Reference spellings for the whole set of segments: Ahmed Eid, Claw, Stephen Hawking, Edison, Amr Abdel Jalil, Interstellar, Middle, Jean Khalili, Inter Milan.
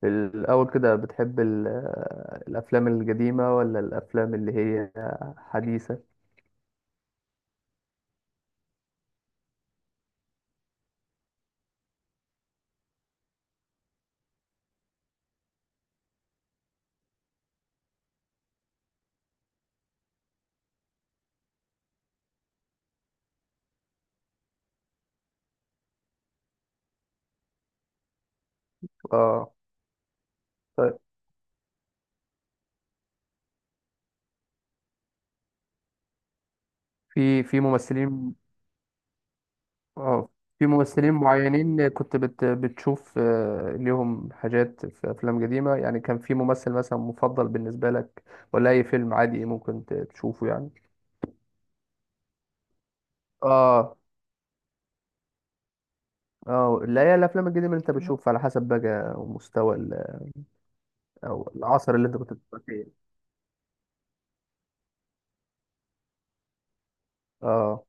في الأول كده بتحب الأفلام القديمة ولا الأفلام اللي هي حديثة؟ اه، طيب، في في ممثلين اه في ممثلين معينين كنت بتشوف ليهم حاجات في أفلام قديمة يعني، كان في ممثل مثلا مفضل بالنسبة لك، ولا أي فيلم عادي ممكن تشوفه يعني؟ اه، اه، لا، هي الأفلام القديمة اللي أنت بتشوفها على حسب بقى مستوى أو العصر اللي أنت كنت بتتفرج فيه. اه،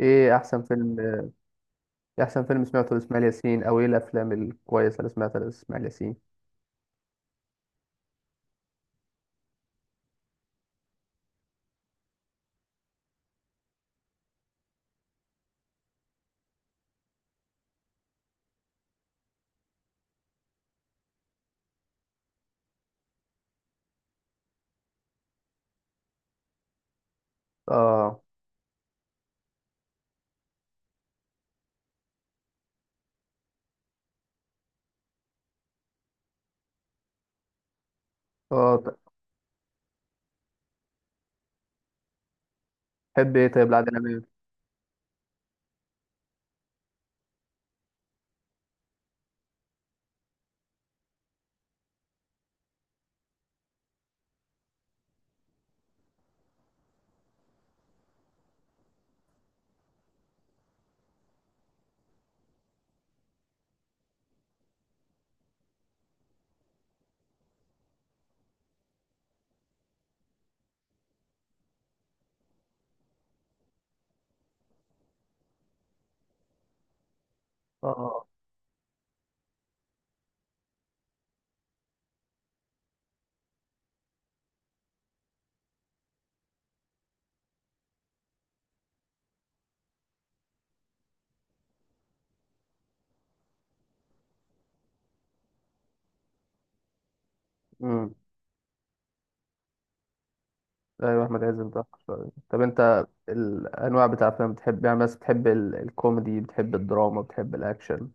ايه احسن فيلم احسن فيلم سمعته لاسماعيل ياسين، او ايه الافلام الكويسه اللي سمعتها لاسماعيل ياسين؟ اه، اه، تحب ايه طيب لعادل امام؟ اه، امم، ايوه، احمد عز بتاع شوية. طب انت الانواع بتاع افلام بتحب يعني، بس بتحب الكوميدي، بتحب الدراما، بتحب الاكشن؟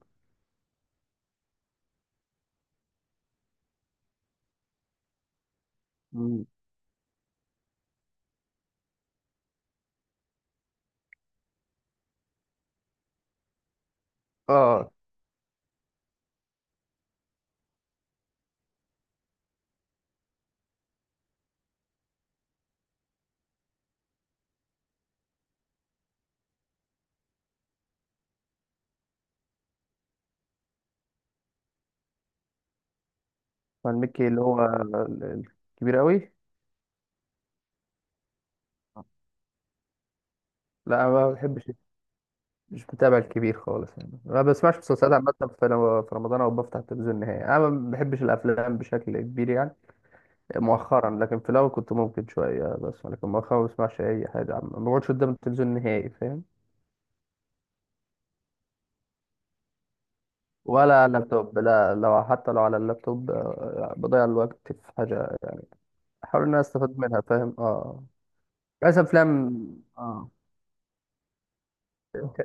مم. اه، فان مكي اللي هو الكبير قوي؟ لا، أنا ما بحبش، مش بتابع الكبير خالص يعني، ما بسمعش مسلسلات عامة في رمضان أو بفتح التلفزيون نهائي. أنا ما بحبش الأفلام بشكل كبير يعني، مؤخرا، لكن في الاول كنت ممكن شويه، بس لكن مؤخرا ما بسمعش اي حاجه، عم ما بقعدش قدام التلفزيون نهائي، فاهم؟ ولا لابتوب، لا، حتى لو على اللابتوب بضيع الوقت في حاجه، احاول ان انا استفاد منها، فاهم؟ اه. بس افلام. اه.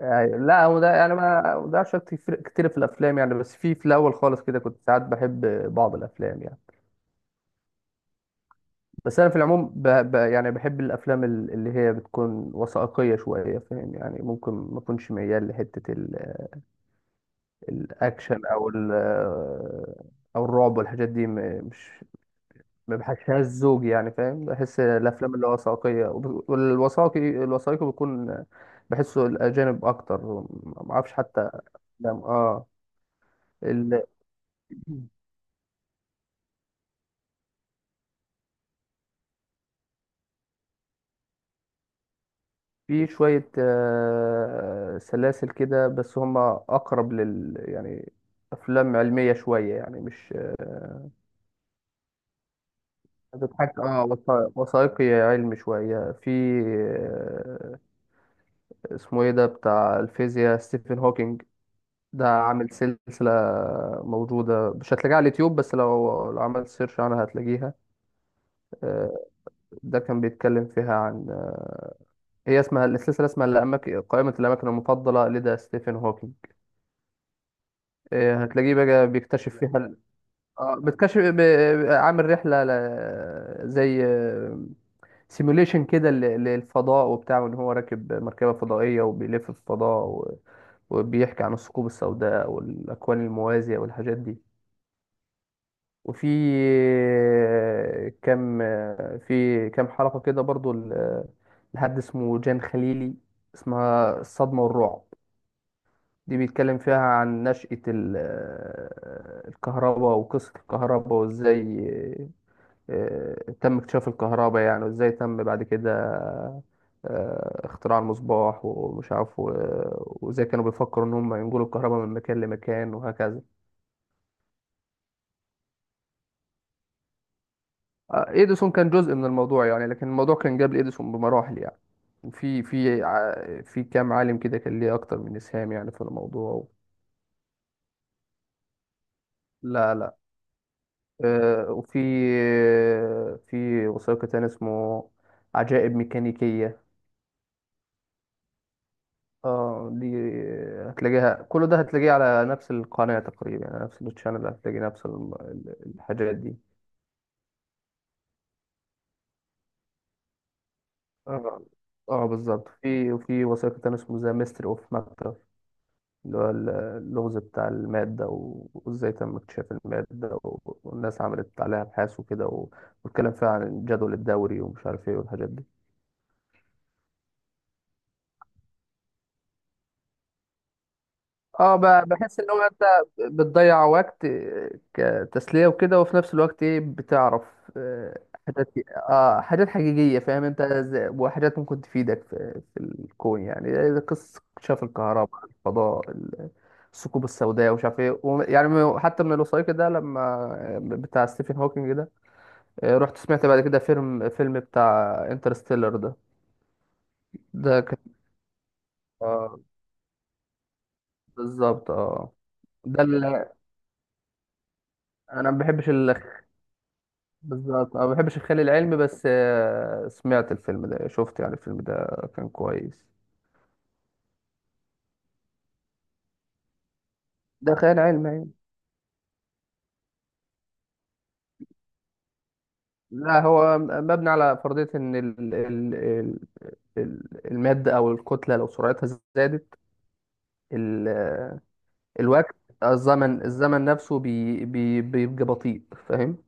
أيوة. لا، هو ده يعني ما بضيعش وقت كتير كتير في الافلام يعني، بس في الاول خالص كده كنت ساعات بحب بعض الافلام يعني. بس انا في العموم يعني بحب الافلام اللي هي بتكون وثائقيه شويه، فاهم؟ يعني ممكن ما اكونش ميال لحته الاكشن او الرعب والحاجات دي، مش، ما بحسهاش زوج يعني، فاهم؟ بحس الافلام اللي هو وثائقيه، والوثائقي، الوثائقي بيكون بحسه الاجانب اكتر، ما اعرفش حتى افلام. اه. ال... في شويه سلاسل كده، بس هم اقرب لل، يعني افلام علميه شويه، يعني مش بتحكي، وثائقي علمي شويه في آه، اسمه ايه ده بتاع الفيزياء، ستيفن هوكينج ده عامل سلسلة موجودة، مش هتلاقيها على اليوتيوب، بس لو عملت سيرش عنها هتلاقيها. آه، ده كان بيتكلم فيها عن آه، هي اسمها السلسلة، اسمها الأماكن، قائمة الأماكن المفضلة لدى ستيفن هوكينج. هتلاقيه بقى بيكتشف فيها، اه بتكشف، عامل رحله زي سيموليشن كده للفضاء وبتاع، وان هو راكب مركبه فضائيه وبيلف في الفضاء وبيحكي عن الثقوب السوداء والاكوان الموازيه والحاجات دي. وفي كام حلقه كده برضو لحد اسمه جان خليلي، اسمها الصدمه والرعب. دي بيتكلم فيها عن نشأة الكهرباء وقصة الكهرباء، وازاي تم اكتشاف الكهرباء يعني، وازاي تم بعد كده اختراع المصباح ومش عارف، وازاي كانوا بيفكروا ان هم ينقلوا الكهرباء من مكان لمكان وهكذا. اديسون كان جزء من الموضوع يعني، لكن الموضوع كان قبل اديسون بمراحل يعني. في كام عالم كده كان ليه اكتر من اسهام يعني في الموضوع. لا، لا. وفي آه، في وثائقي تاني اسمه عجائب ميكانيكية. اه، دي هتلاقيها، كل ده هتلاقيه على نفس القناة تقريبا يعني، نفس التشانل هتلاقي نفس الحاجات دي. اه، اه، بالظبط. وفي وثائقي تاني اسمه ذا ميستري اوف ماكتر، اللي هو اللغز بتاع المادة، وازاي تم اكتشاف المادة، والناس عملت عليها ابحاث وكده، والكلام فيها عن الجدول الدوري ومش عارف ايه والحاجات دي. اه، بحس ان هو انت بتضيع وقت كتسلية وكده، وفي نفس الوقت ايه، بتعرف آه، حاجات اه حاجات حقيقية، فاهم؟ انت وحاجات ممكن تفيدك في الكون يعني، زي قصة اكتشاف الكهرباء، الفضاء، الثقوب السوداء ومش عارف ايه، يعني حتى من الوثائقي ده، لما بتاع ستيفن هوكينج ده، رحت سمعت بعد كده فيلم بتاع انترستيلر ده. ده كان، آه، بالظبط، اه. ده اللي انا ما بحبش، بالظبط، انا ما بحبش الخيال العلمي، بس سمعت الفيلم ده شفت يعني الفيلم ده كان كويس. ده خيال علمي يعني. لا، هو مبني على فرضية ان المادة او الكتلة لو سرعتها زادت، ال الوقت، الزمن نفسه بي بي بيبقى بطيء، فاهم؟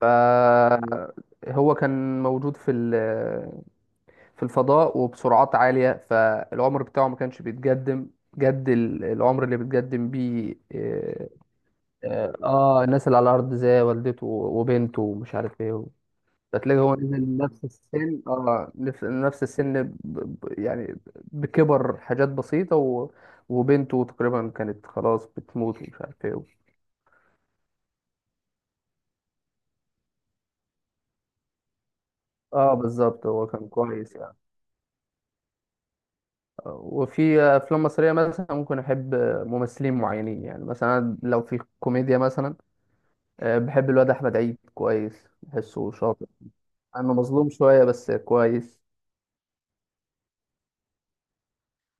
فهو كان موجود في الفضاء وبسرعات عالية، فالعمر بتاعه ما كانش بيتقدم جد العمر اللي بيتقدم بيه، اه، الناس اللي على الارض زي والدته وبنته ومش عارف ايه. هتلاقي هو نزل نفس السن، يعني بكبر حاجات بسيطة وبنته تقريبا كانت خلاص بتموت ومش عارف ايه. اه، بالظبط، هو كان كويس يعني. وفي افلام مصرية مثلا ممكن احب ممثلين معينين يعني، مثلا لو في كوميديا مثلا بحب الواد احمد عيد، كويس، بحسه شاطر. انا مظلوم شوية بس كويس.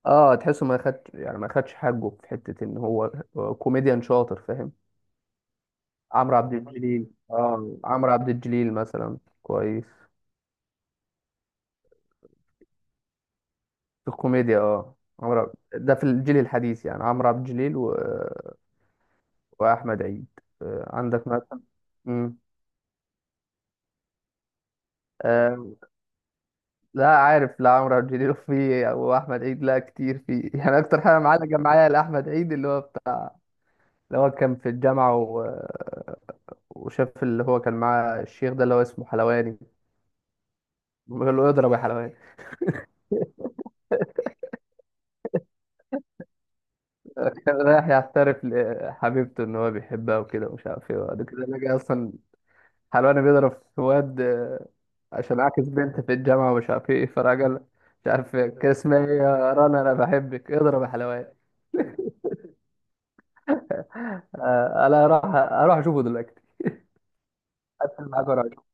اه، تحسه ما خدش يعني ما خدش حقه في حته ان هو كوميديان شاطر، فاهم؟ عمرو عبد الجليل مثلا كويس في الكوميديا. ده في الجيل الحديث يعني عمرو عبد الجليل واحمد عيد. عندك مثلا، امم آه لا، عارف، لا. عمرو عبد الجليل في، واحمد عيد، لا كتير، في يعني اكتر حاجه معلقه معايا لاحمد عيد اللي هو كان في الجامعه وشاف اللي هو كان معاه الشيخ ده اللي هو اسمه حلواني. بيقول له اضرب يا حلوان. كان رايح يعترف لحبيبته ان هو بيحبها وكده، ومش عارف ايه، وبعد كده لقى اصلا حلوان بيضرب في واد، عشان عاكس بنت في الجامعه، ومش عارف ايه، فراجل. مش عارف كان اسمها ايه. يا رنا، انا بحبك. اضرب يا حلوان. انا اروح، اروح اشوفه دلوقتي. أقفل معاك وأروح.